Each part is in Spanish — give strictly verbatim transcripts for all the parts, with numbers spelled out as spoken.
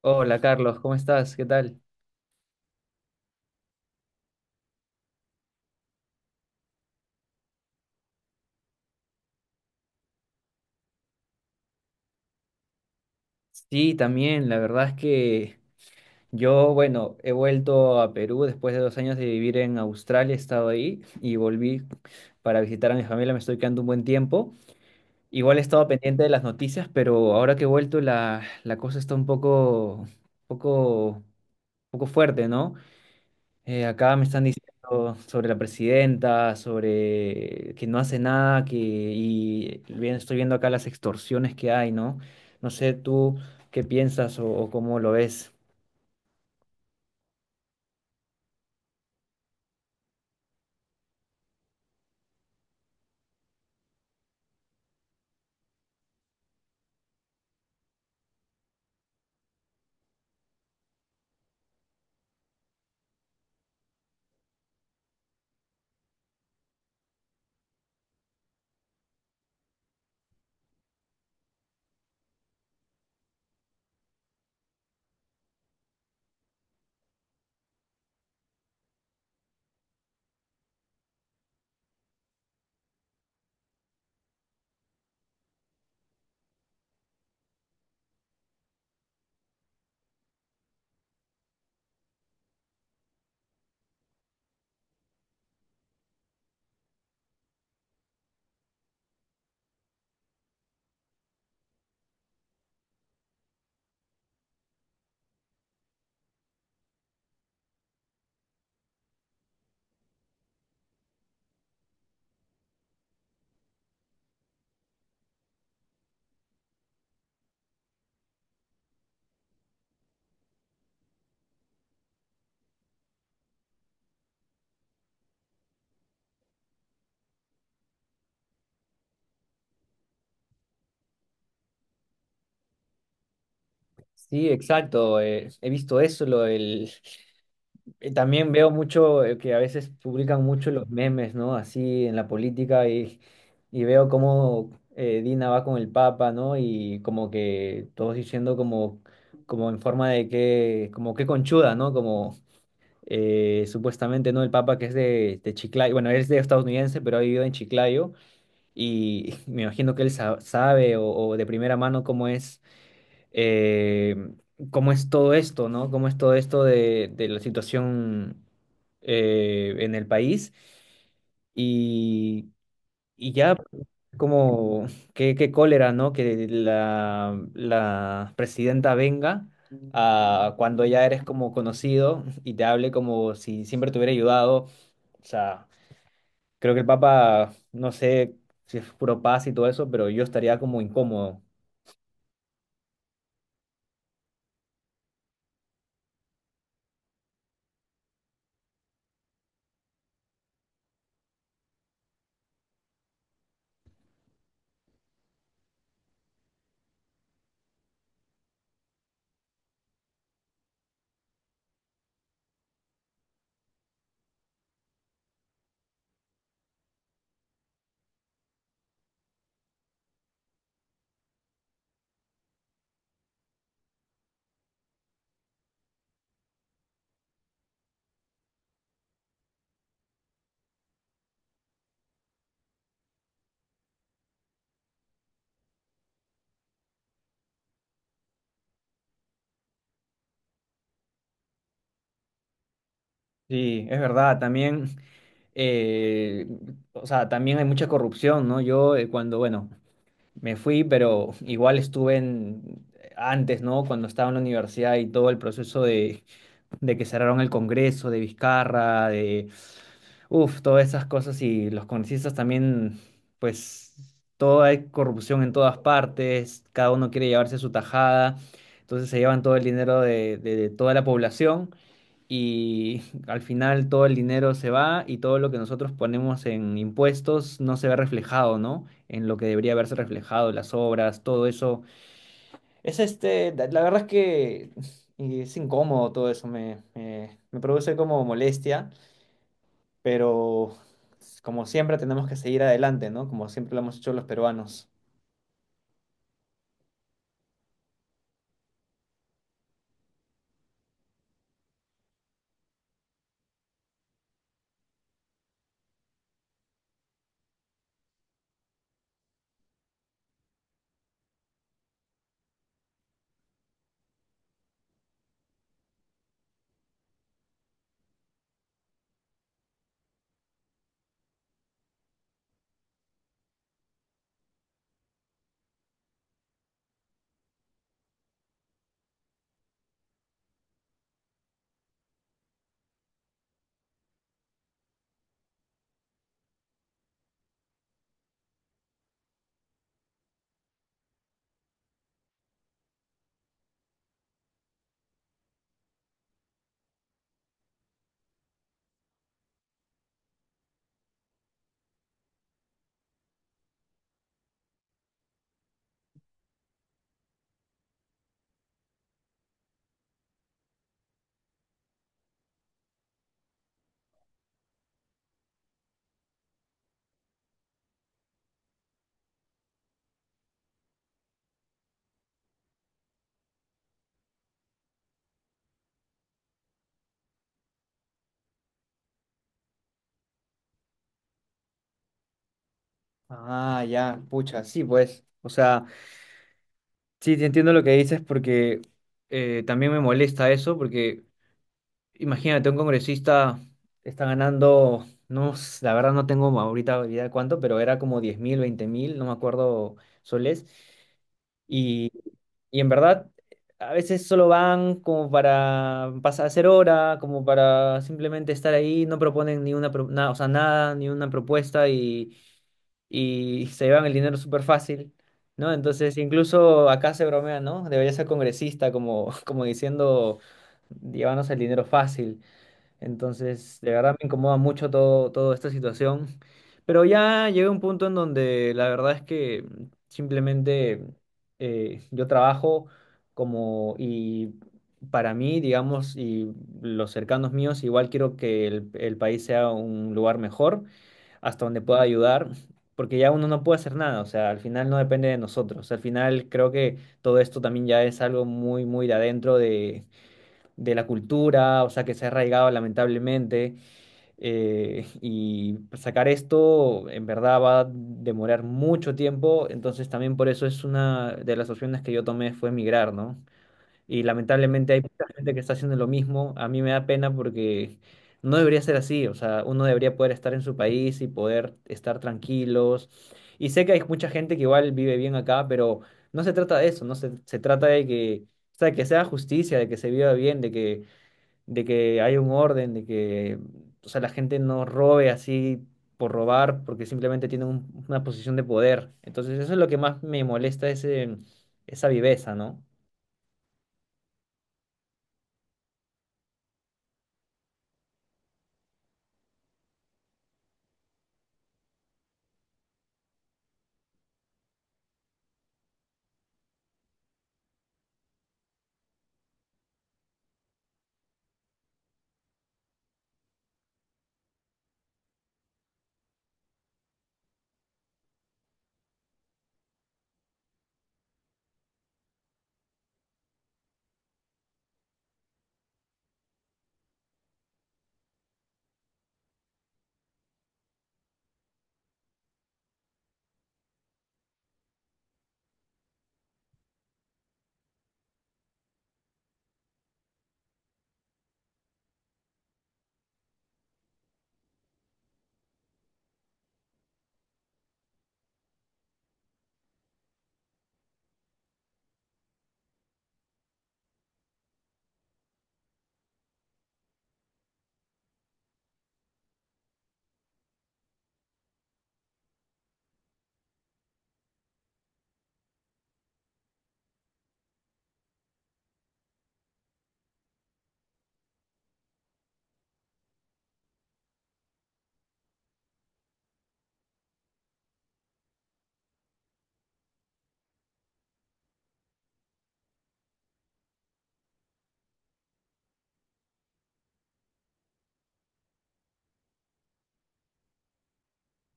Hola Carlos, ¿cómo estás? ¿Qué tal? Sí, también, la verdad es que yo, bueno, he vuelto a Perú después de dos años de vivir en Australia, he estado ahí y volví para visitar a mi familia, me estoy quedando un buen tiempo. Igual he estado pendiente de las noticias, pero ahora que he vuelto la, la cosa está un poco, poco, poco fuerte, ¿no? Eh, acá me están diciendo sobre la presidenta, sobre que no hace nada, que y bien, estoy viendo acá las extorsiones que hay, ¿no? No sé tú qué piensas o, o cómo lo ves. Sí, exacto. eh, he visto eso, lo del- eh, también veo mucho eh, que a veces publican mucho los memes, ¿no? Así en la política y, y veo cómo eh, Dina va con el Papa, ¿no? Y como que todos diciendo como, como en forma de que, como que conchuda, ¿no? Como eh, supuestamente, ¿no? El Papa que es de, de Chiclayo, bueno, él es de estadounidense, pero ha vivido en Chiclayo y me imagino que él sa- sabe o, o de primera mano cómo es, eh, cómo es todo esto, ¿no? Cómo es todo esto de, de la situación eh, en el país. Y y ya, como, qué, qué cólera, ¿no? Que la, la presidenta venga ah, cuando ya eres como conocido y te hable como si siempre te hubiera ayudado. O sea, creo que el Papa, no sé si es puro paz y todo eso, pero yo estaría como incómodo. Sí, es verdad, también, eh, o sea, también hay mucha corrupción, ¿no? Yo eh, cuando, bueno, me fui, pero igual estuve en, antes, ¿no? Cuando estaba en la universidad y todo el proceso de de que cerraron el Congreso, de Vizcarra, de, uff, todas esas cosas y los congresistas también, pues, toda hay corrupción en todas partes, cada uno quiere llevarse su tajada, entonces se llevan todo el dinero de, de- de toda la población y al final todo el dinero se va y todo lo que nosotros ponemos en impuestos no se ve reflejado, ¿no? En lo que debería haberse reflejado, las obras, todo eso es este, la la verdad es que eh, es incómodo todo eso, me, me- me produce como molestia, pero como siempre tenemos que seguir adelante, ¿no? Como siempre lo hemos hecho los peruanos. Ah, ya, pucha, sí, pues. O sea, sí, te entiendo lo que dices porque eh, también me molesta eso, porque imagínate, un congresista está ganando, no, s- la verdad no tengo ahorita idea de cuánto, pero era como diez mil, veinte mil, no me acuerdo soles. Y y en verdad, a veces solo van como para pasar a hacer hora, como para simplemente estar ahí, no proponen ni una, pro- na- o sea, nada, ni una propuesta y, y se llevan el dinero súper fácil, ¿no? Entonces, incluso acá se bromea, ¿no? Debería ser congresista, como, como diciendo, llévanos el dinero fácil. Entonces, de verdad me incomoda mucho todo, toda esta situación. Pero ya llegué a un punto en donde la verdad es que simplemente eh, yo trabajo como y para mí, digamos, y los cercanos míos, igual quiero que el, el país sea un lugar mejor, hasta donde pueda ayudar, porque ya uno no puede hacer nada, o sea, al final no depende de nosotros. Al final creo que todo esto también ya es algo muy, muy de adentro de la cultura, o sea, que se ha arraigado lamentablemente, eh, y sacar esto en verdad va a demorar mucho tiempo, entonces también por eso es una de las opciones que yo tomé fue migrar, ¿no? Y lamentablemente hay mucha gente que está haciendo lo mismo, a mí me da pena porque no debería ser así, o sea, uno debería poder estar en su país y poder estar tranquilos, y sé que hay mucha gente que igual vive bien acá, pero no se trata de eso, no se, se trata de que... O sea, que sea justicia, de que se viva bien, de que de que haya un orden, de que, o sea, la gente no robe así por robar, porque simplemente tiene un- una posición de poder. Entonces, eso es lo que más me molesta, ese, esa viveza, ¿no?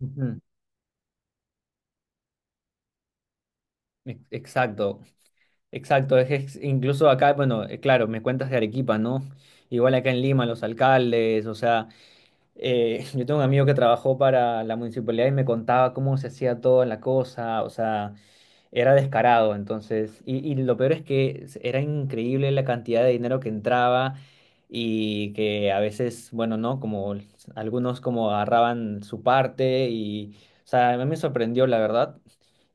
Ujú. Ex- Exacto, exacto. Es, es- incluso acá, bueno, eh, claro, me cuentas de Arequipa, ¿no? Igual acá en Lima, los alcaldes, o sea, eh, yo tengo un amigo que trabajó para la municipalidad y me contaba cómo se hacía toda la cosa, o sea... Era descarado, entonces, y, y lo peor es que s- era increíble la cantidad de dinero que entraba y que a veces, bueno, ¿no? Como l- algunos como agarraban su parte y, o sea, a mí me sorprendió, la verdad,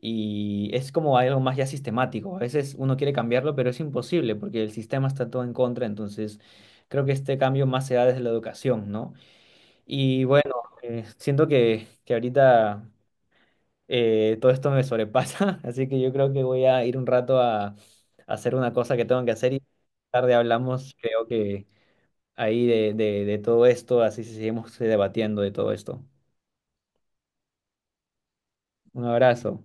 y es como algo más ya sistemático. A veces uno quiere cambiarlo, pero es imposible porque el sistema está todo en contra, entonces creo que este cambio más se da desde la educación, ¿no? Y bueno, eh, siento que, que ahorita eh, todo esto me sobrepasa, así que yo creo que voy a ir un rato a, a hacer una cosa que tengo que hacer y tarde hablamos, creo que ahí de, de, de todo esto, así seguimos eh, debatiendo de todo esto. Un abrazo.